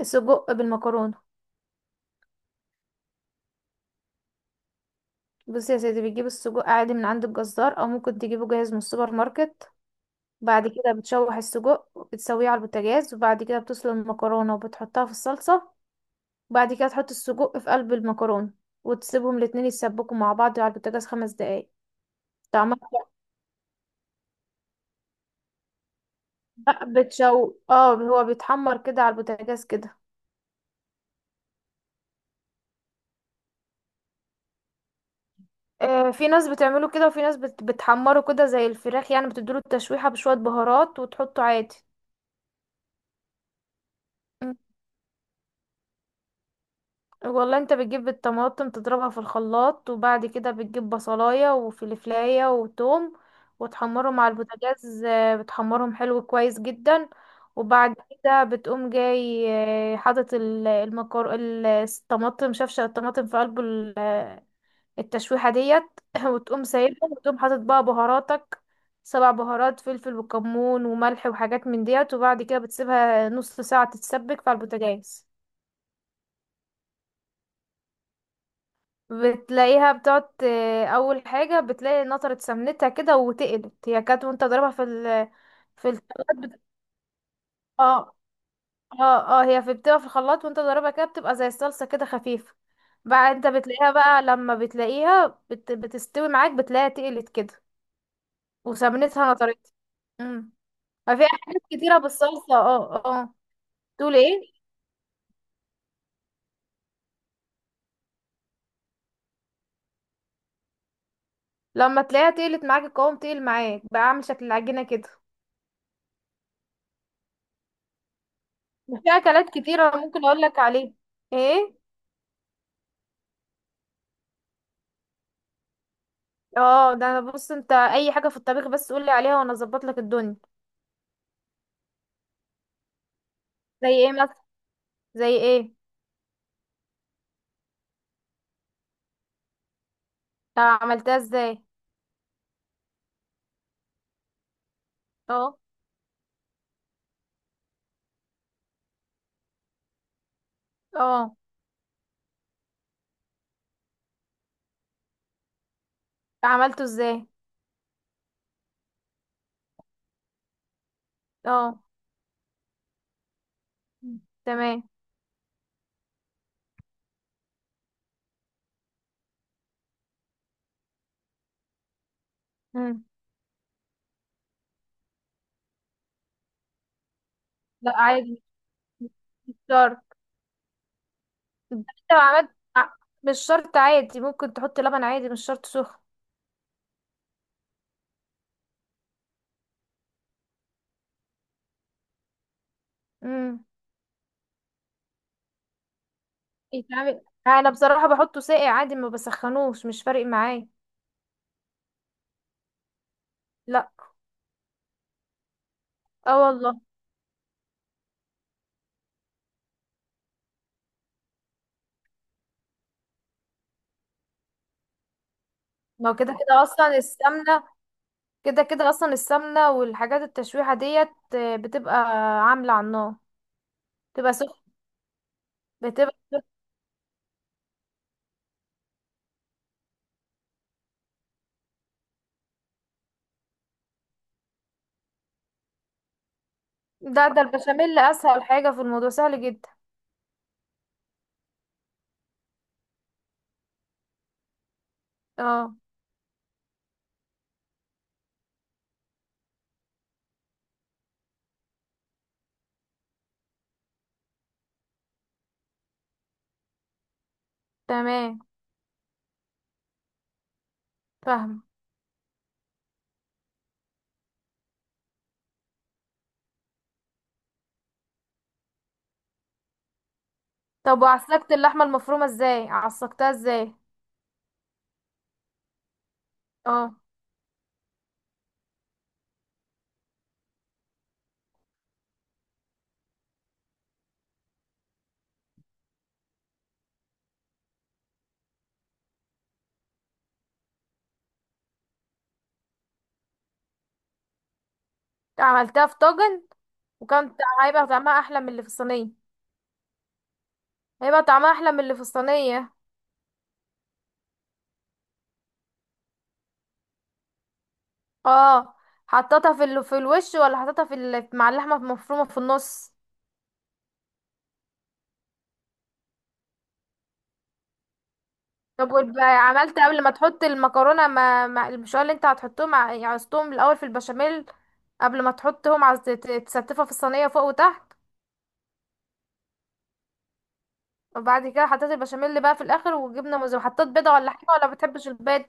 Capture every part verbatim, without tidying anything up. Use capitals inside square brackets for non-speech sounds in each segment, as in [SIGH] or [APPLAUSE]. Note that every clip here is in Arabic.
السجق بالمكرونة. بصي يا سيدي، بتجيب السجق عادي من عند الجزار او ممكن تجيبه جاهز من السوبر ماركت. بعد كده بتشوح السجق وبتسويه على البوتاجاز، وبعد كده بتسلق المكرونة وبتحطها في الصلصة، وبعد كده تحط السجق في قلب المكرونة، وتسيبهم الاتنين يتسبكوا مع بعض على البوتاجاز خمس دقايق. طعمها بقى بتشو اه هو بيتحمر كده على البوتاجاز كده. آه، في ناس بتعمله كده، وفي ناس بت... بتحمره كده زي الفراخ، يعني بتديله التشويحة بشوية بهارات وتحطه عادي. والله انت بتجيب الطماطم تضربها في الخلاط، وبعد كده بتجيب بصلاية وفلفلاية وتوم وتحمرهم على البوتاجاز. آه، بتحمرهم حلو كويس جدا. وبعد كده بتقوم جاي آه، حاطط ال- المكر ال- الطماطم، شفشة الطماطم في قلب ال- آه، التشويحة ديت. [COUGHS] [CLEARS THROAT] وتقوم سايبهم، وتقوم حاطط بقى بهاراتك سبع بهارات: فلفل وكمون وملح وحاجات من ديت. وبعد كده بتسيبها نص ساعة تتسبك في البوتاجاز. بتلاقيها بتقعد ت- اول حاجه بتلاقي نطرت سمنتها كده وتقلت، هي كانت وانت ضاربها في ال في الخلاط بت... اه اه اه هي في بتبقى في الخلاط وانت ضاربها كده بتبقى زي الصلصه كده خفيفه. بقى انت بتلاقيها بقى لما بتلاقيها بت... بتستوي معاك، بتلاقيها تقلت كده، وسمنتها نطرت. امم ففي حاجات كتيره بالصلصه، اه اه. تقول ايه؟ لما تلاقيها تقلت معاك، القوام تقل معاك بقى عامل شكل العجينه كده. وفي اكلات كتيره ممكن اقول لك عليها. ايه؟ اه، ده انا بص، انت اي حاجه في الطبيخ بس قولي عليها وانا اظبط لك الدنيا. زي ايه مثلا؟ زي ايه؟ طب عملتها ازاي؟ اه اه، عملته ازاي؟ اه. مم. تمام. مم. لا عادي، مش شرط. انت لو عملت ع- مش شرط، عادي، ممكن تحط لبن عادي، مش شرط سخن. امم يتعمل. انا بصراحه بحطه ساقع عادي، ما بسخنوش، مش فارق معايا. لا. اه والله. ما هو كده كده اصلا السمنه، كده كده اصلا السمنه والحاجات التشويحه ديت آه، بتبقى عامله على النار، بتبقى سخنه. بتبقى ده ده البشاميل اسهل حاجه في الموضوع، سهل جدا. اه. تمام. فاهمه. طب وعسلكت اللحمه المفرومه ازاي؟ عسلكتها ازاي؟ اه. عملتها في طاجن. وكان طع- هيبقى طعمها احلى من اللي في الصينيه. هيبقى طعمها احلى من اللي في الصينيه. اه. حطيتها في ال... في الوش، ولا حطيتها في ال... مع اللحمه المفرومه في النص؟ طب ويبقى عملت قبل ما تحط المكرونة ما ما المشوار اللي انت هتحطهم ع- عصتهم الأول في البشاميل، قبل ما تحطهم عز... ت- تستفها في الصينية فوق وتحت. وبعد كده حطيت البشاميل اللي بقى في الآخر وجبنة موزاريلا، حطيت بيضة ولا حاجة، ولا بتحبش البيض؟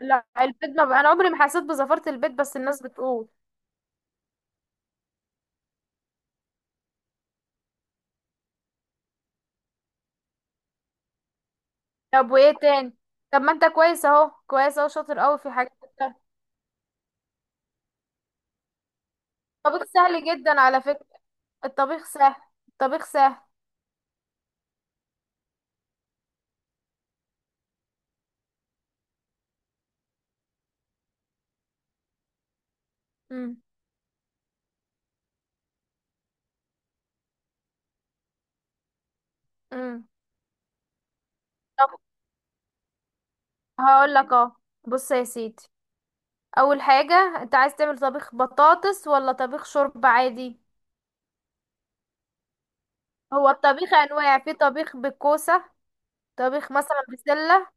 لا، البيض ما بقى. أنا عمري ما حسيت بزفرة البيض، بس الناس بتقول. طب وإيه تاني؟ طب ما انت كويس اهو، كويس اهو، شاطر قوي في حاجات كتير. الطبيخ سهل جدا على فكرة. الطبيخ سهل. الطبيخ سهل. امم. امم. طب هقول لك اهو، بص يا سيدي، اول حاجة انت عايز تعمل طبيخ بطاطس ولا طبيخ شوربة عادي؟ هو الطبيخ انواع، في طبيخ بالكوسة، طبيخ مثلا بسلة،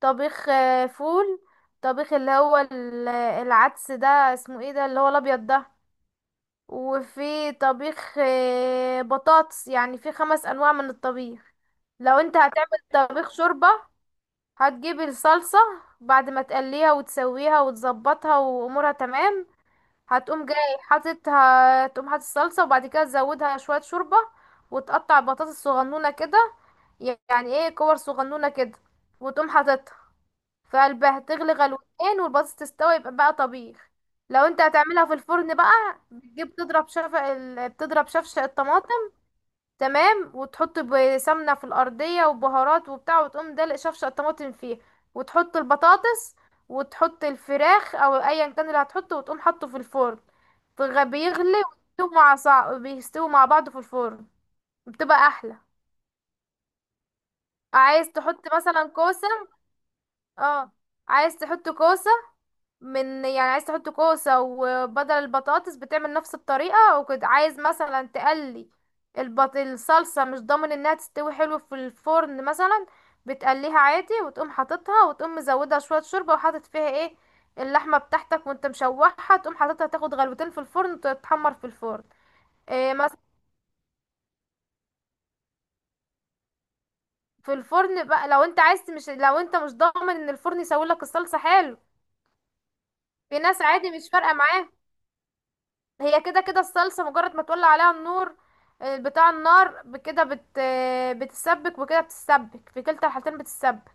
طبيخ آه، فول، طبيخ اللي هو ال- العدس ده، اسمه ايه ده، اللي هو الابيض ده، وفي طبيخ آه، بطاطس. يعني في خمس انواع من الطبيخ. لو انت هتعمل طبيخ شوربة، هتجيب الصلصة بعد ما تقليها وتسويها وتظبطها وامورها تمام، هتقوم جاي حاطط هتقوم حاطط الصلصة. وبعد كده تزودها شوية شوربة، وتقطع بطاطس صغنونة كده، يعني ايه كور صغنونة كده، وتقوم حاططها في قلبها، تغلي غلوتين والبطاطس تستوي، يبقى بقى طبيخ. لو انت هتعملها في الفرن بقى، بتجيب تضرب شفع ال... بتضرب شفشق الطماطم، تمام، وتحط بسمنة في الأرضية وبهارات وبتاع، وتقوم دلق شفشق الطماطم فيه، وتحط البطاطس، وتحط الفراخ او ايا كان اللي هتحطه، وتقوم حاطه في الفرن. فغ- بيغلي ويستوي مع صع... بيستوي مع بعض في الفرن، بتبقى احلى. عايز تحط مثلا كوسة؟ اه. عايز تحط كوسة، من يعني عايز تحط كوسة وبدل البطاطس بتعمل نفس الطريقة وكده. عايز مثلا تقلي البط... الصلصة، مش ضامن انها تستوي حلو في الفرن مثلا، بتقليها عادي وتقوم حاططها، وتقوم مزودها شوية شوربة، وحاطط فيها ايه اللحمة بتاعتك وانت مشوحها، تقوم حاططها تاخد غلوتين في الفرن وتتحمر في الفرن. إيه؟ في الفرن بقى لو انت عايز، مش لو انت مش ضامن ان الفرن يسوي لك الصلصه حلو. في ناس عادي مش فارقه معاه. هي كده كده الصلصه مجرد ما تولع عليها النور آه، بتاع النار ب- كده بت آه، بتسبك وكده، بتسبك في كلتا الحالتين بتسبك.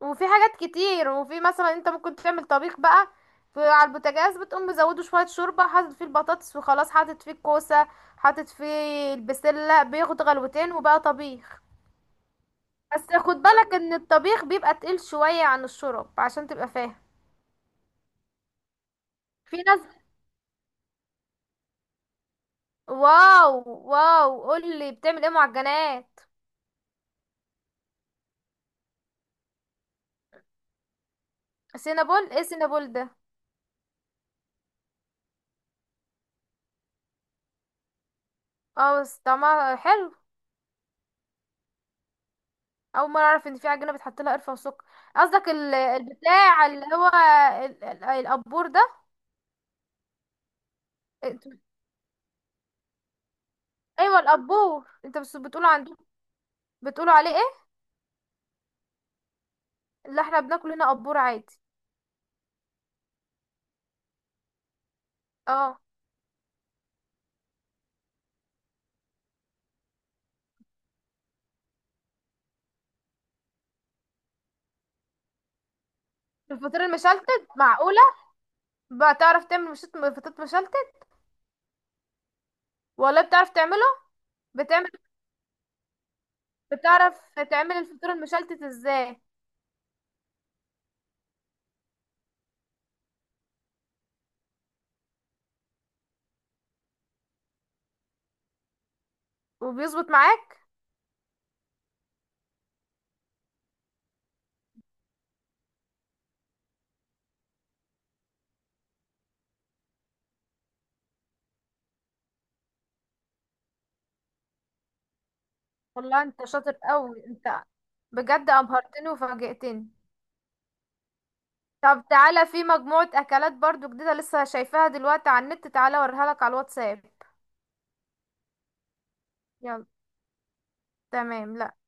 وفي حاجات كتير، وفي مثلا انت ممكن تعمل طبيخ بقى في على البوتاجاز، بتقوم مزوده شويه شوربه، حاطط فيه البطاطس وخلاص، حاطط فيه الكوسه، حاطط فيه البسله، بياخد غلوتين وبقى طبيخ. بس خد بالك ان الطبيخ بيبقى تقيل شوية عن الشرب عشان تبقى فاهم. في ناس. واو. واو، قولي بتعمل ايه معجنات. سينابول ايه، سينابول ده؟ اه، بس طعمها حلو. اول مرة اعرف ان في عجينة بتحط لها قرفة وسكر. قصدك ال- البتاع اللي هو ال- ال- القبور ده؟ انت- ايوه، القبور انت بس بتقولوا عندكم، بتقولوا عليه ايه؟ اللي احنا بناكل هنا قبور عادي. اه. الفطير المشلتت؟ معقولة بتعرف تعمل مشت- فطير مشلتت؟ والله بتعرف تعمله؟ بتعمل. بتعرف تعمل الفطير المشلتت ازاي. وبيظبط معاك؟ والله انت شاطر قوي انت، بجد ابهرتني وفاجئتني. طب تعالى، في مجموعة اكلات برضو جديدة لسه شايفاها دلوقتي على النت، تعالى اوريها لك على الواتساب. يلا. تمام.